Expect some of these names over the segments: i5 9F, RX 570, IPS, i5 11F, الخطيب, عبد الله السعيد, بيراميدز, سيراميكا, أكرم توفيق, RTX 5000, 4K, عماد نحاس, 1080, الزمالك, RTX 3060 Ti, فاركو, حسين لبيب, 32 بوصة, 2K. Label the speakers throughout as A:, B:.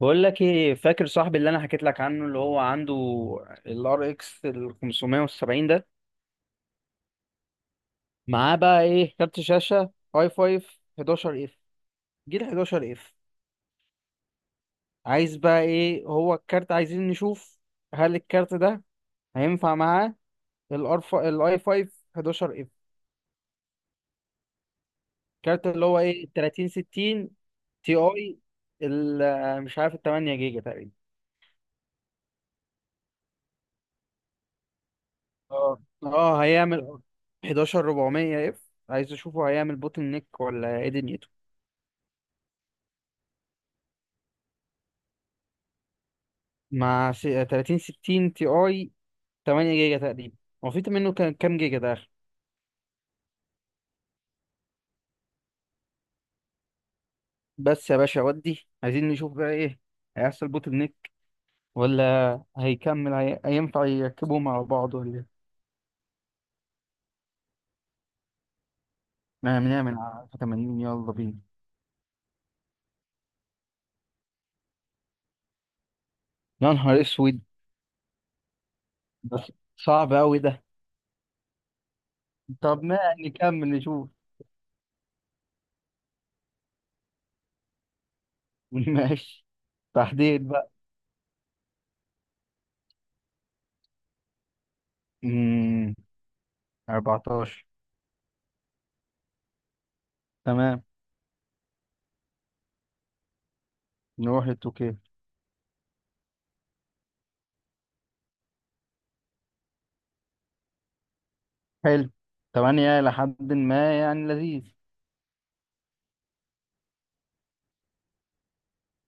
A: بقول لك ايه، فاكر صاحبي اللي انا حكيت لك عنه اللي هو عنده الار اكس ال 570 ده؟ معاه بقى ايه؟ كارت شاشه اي 5 11 اف، جيل 11 اف. عايز بقى ايه؟ هو الكارت عايزين نشوف هل الكارت ده هينفع معاه الار الاي 5 11 اف. الكارت اللي هو ايه، 30 60 تي اي مش عارف، ال 8 جيجا تقريبا. اه اه، هيعمل 11 400 اف؟ عايز اشوفه، هيعمل بوتل نيك ولا ايه دنيته؟ مع 30 60 تي اي، 8 جيجا تقريبا. هو في منه كام جيجا ده آخر؟ بس يا باشا ودي عايزين نشوف بقى ايه، هيحصل بوتل نيك ولا هيكمل هينفع يركبوهم على بعض ولا ايه؟ ما بنعمل على 80، يلا بينا. يا نهار اسود. بس صعب قوي ده. طب ما نكمل نشوف. ماشي. تحديد بقى. امم 14. تمام. نروح للتوكيل. حلو. 8، لحد ما يعني لذيذ.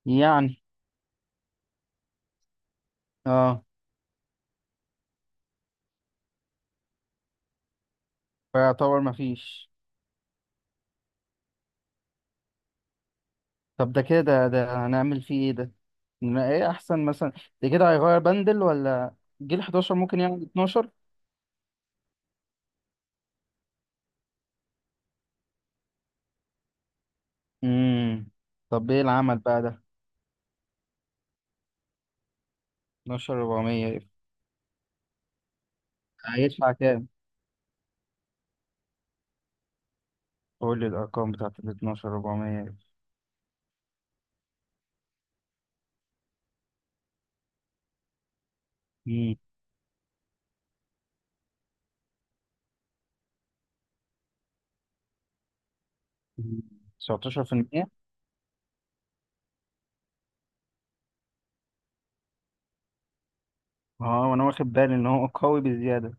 A: يعني. اه. فيعتبر مفيش. طب ده كده ده هنعمل فيه ايه ده؟ ما ايه احسن مثلا؟ ده كده هيغير بندل، ولا جيل 11 ممكن يعمل 12؟ امم طب ايه العمل بقى ده؟ 12 400. هيدفع كام؟ قول لي الارقام بتاعت ال 12 400. امم 19%؟ اه، وانا واخد بالي ان هو قوي بزياده.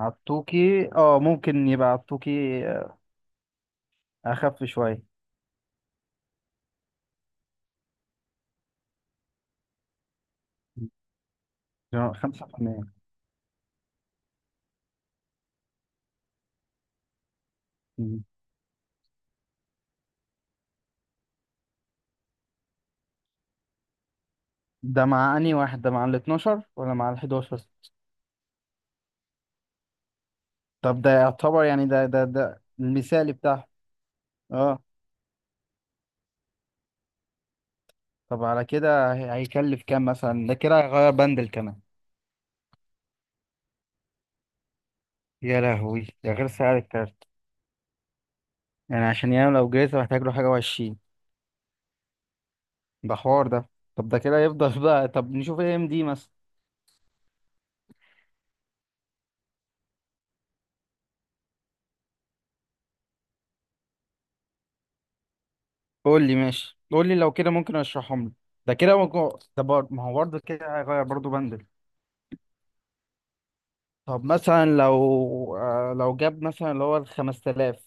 A: عطوكي، اه ممكن يبقى عطوكي آه، اخف شويه. خمسة في المية. ده مع أنهي واحد، ده مع ال 12 ولا مع ال 11؟ طب ده يعتبر يعني ده المثالي بتاعه. اه. طب على كده هيكلف كام مثلا؟ ده كده هيغير بندل كمان. يا لهوي، ده غير سعر الكارت. يعني عشان ينام لو جايزة محتاج له حاجة وعشرين. ده حوار ده. طب ده كده يفضل بقى. طب نشوف ايه ام دي مثلا؟ قول لي ماشي، قول لي لو كده ممكن اشرحهم لي. ده كده ممكن؟ ما هو برضه كده هيغير برضه بندل. طب مثلا، لو لو جاب مثلا اللي هو ال 5000،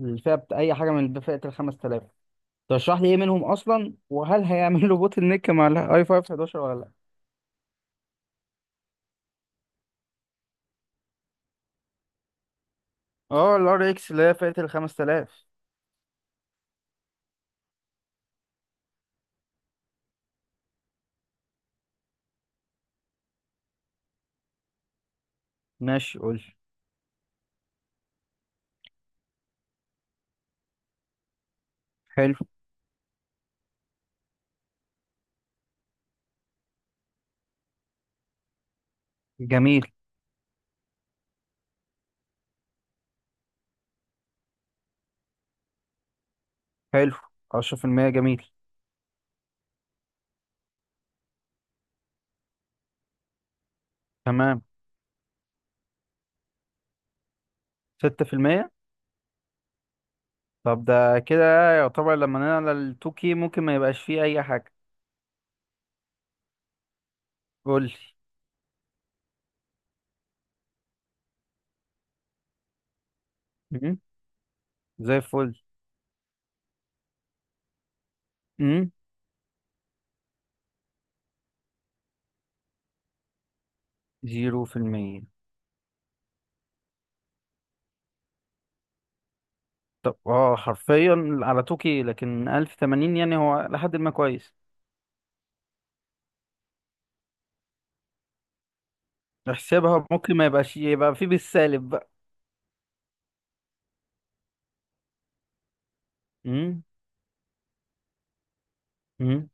A: أي حاجة من فئة ال 5000، ترشح لي ايه منهم اصلا، وهل هيعمل له بوتل نيك مع الاي 5 11 ولا لا؟ اه، الار اكس اللي هي فئه ال 5000. ماشي قول لي. حلو. جميل. حلو. 10% جميل. تمام. 6%. طب ده كده يعتبر لما نعلى ال 2K ممكن ما يبقاش فيه اي حاجه. قول لي. مم. زي الفل. امم 0%. طب اه، حرفيا على 2K، لكن 1080 يعني هو لحد ما كويس. احسبها، ممكن ما يبقاش يبقى فيه بالسالب بقى. امم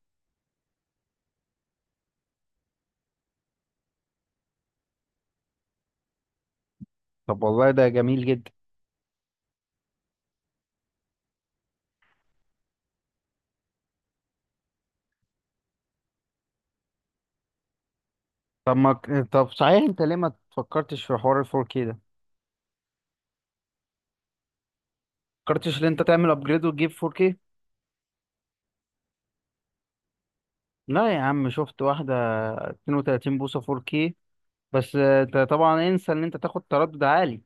A: طب والله ده جميل جدا. طب ما ك- طب صحيح، انت ليه ما تفكرتش في حوار ال 4K ده؟ ما فكرتش ان انت تعمل ابجريد وتجيب 4K؟ لا يا عم، شفت واحدة 32 بوصة 4K. بس انت طبعا انسى ان انت تاخد تردد عالي.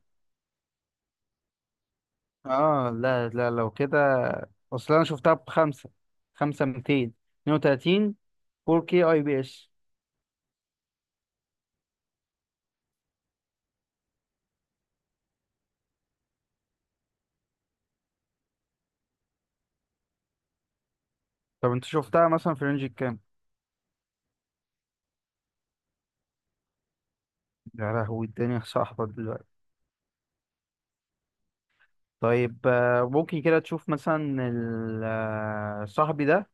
A: اه. لا لا، لو كده. اصل انا شفتها بخمسة. خمسة 200. 32. 4K اي بي اس. طب انت شفتها مثلا في رينج الكام؟ يا لهوي، الدنيا صاحبة دلوقتي. طيب ممكن كده تشوف مثلا صاحبي ده.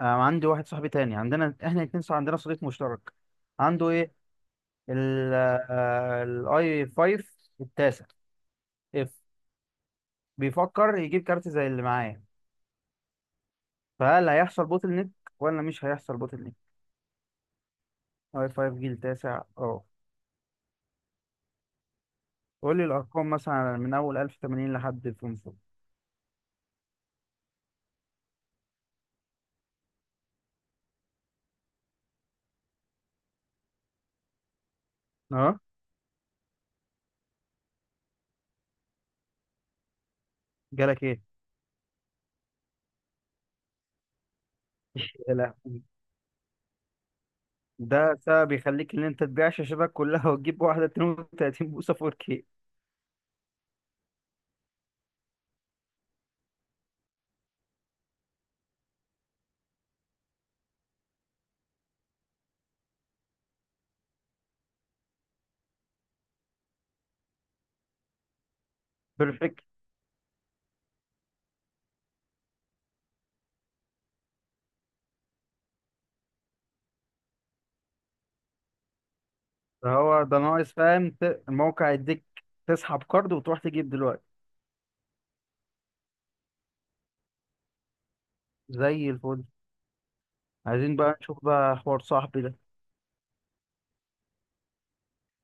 A: عندي واحد صاحبي تاني، عندنا احنا الاتنين عندنا صديق مشترك. عنده ايه؟ الاي 5 التاسع اف. بيفكر يجيب كارت زي اللي معايا، فهل هيحصل بوتل نيك ولا مش هيحصل بوتل نيك؟ اي 5 جيل تاسع، اه. قول لي الارقام مثلا من اول 1080 لحد 500. اه. جالك ايه؟ يا لهوي. ده سبب يخليك ان انت تبيع شاشتك كلها وتجيب واحده 32 بوصه 4K. فهو ده ناقص فاهم. الموقع يديك تسحب كارد وتروح تجيب دلوقتي. زي الفل. عايزين بقى نشوف بقى حوار صاحبي ده.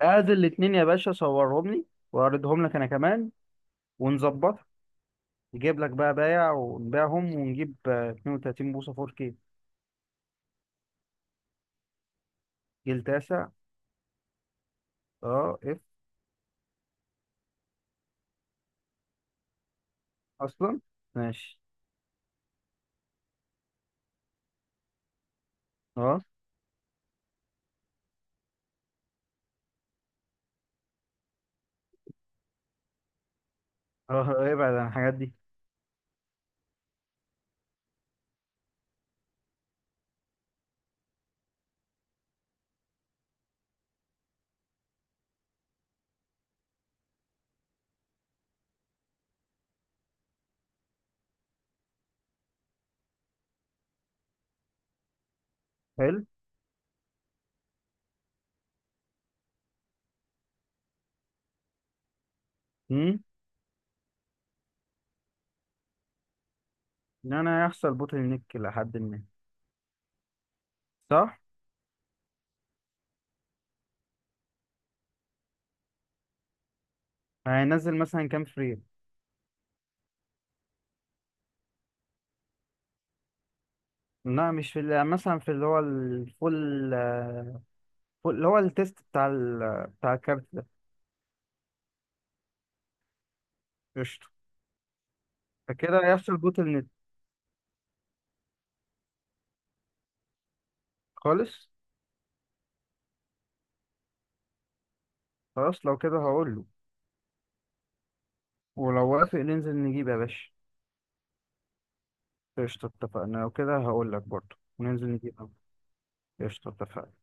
A: ادي الاتنين يا باشا، صورهم لي واعرضهم لك انا كمان، ونظبطها. نجيب لك بقى بايع ونبيعهم، ونجيب 32 بوصة 4K. جيل تاسع، اه. اف. اصلا. ماشي. اه اه، اه، ابعد عن الحاجات دي. حلو. امم ان انا هيحصل بوتل نيك لحد ما. صح. هينزل مثلا كام فريم؟ لا، مش في يعني مثلا في اللي هو الفول، اللي هو التيست بتاع بتاع الكارت ده. قشطة. فكده هيحصل بوتل نت. خالص. خلاص لو كده هقول له. ولو وافق ننزل نجيب يا باشا. قشطة، اتفقنا. لو كده هقول لك برضه وننزل نجيب. قشطة، اتفقنا.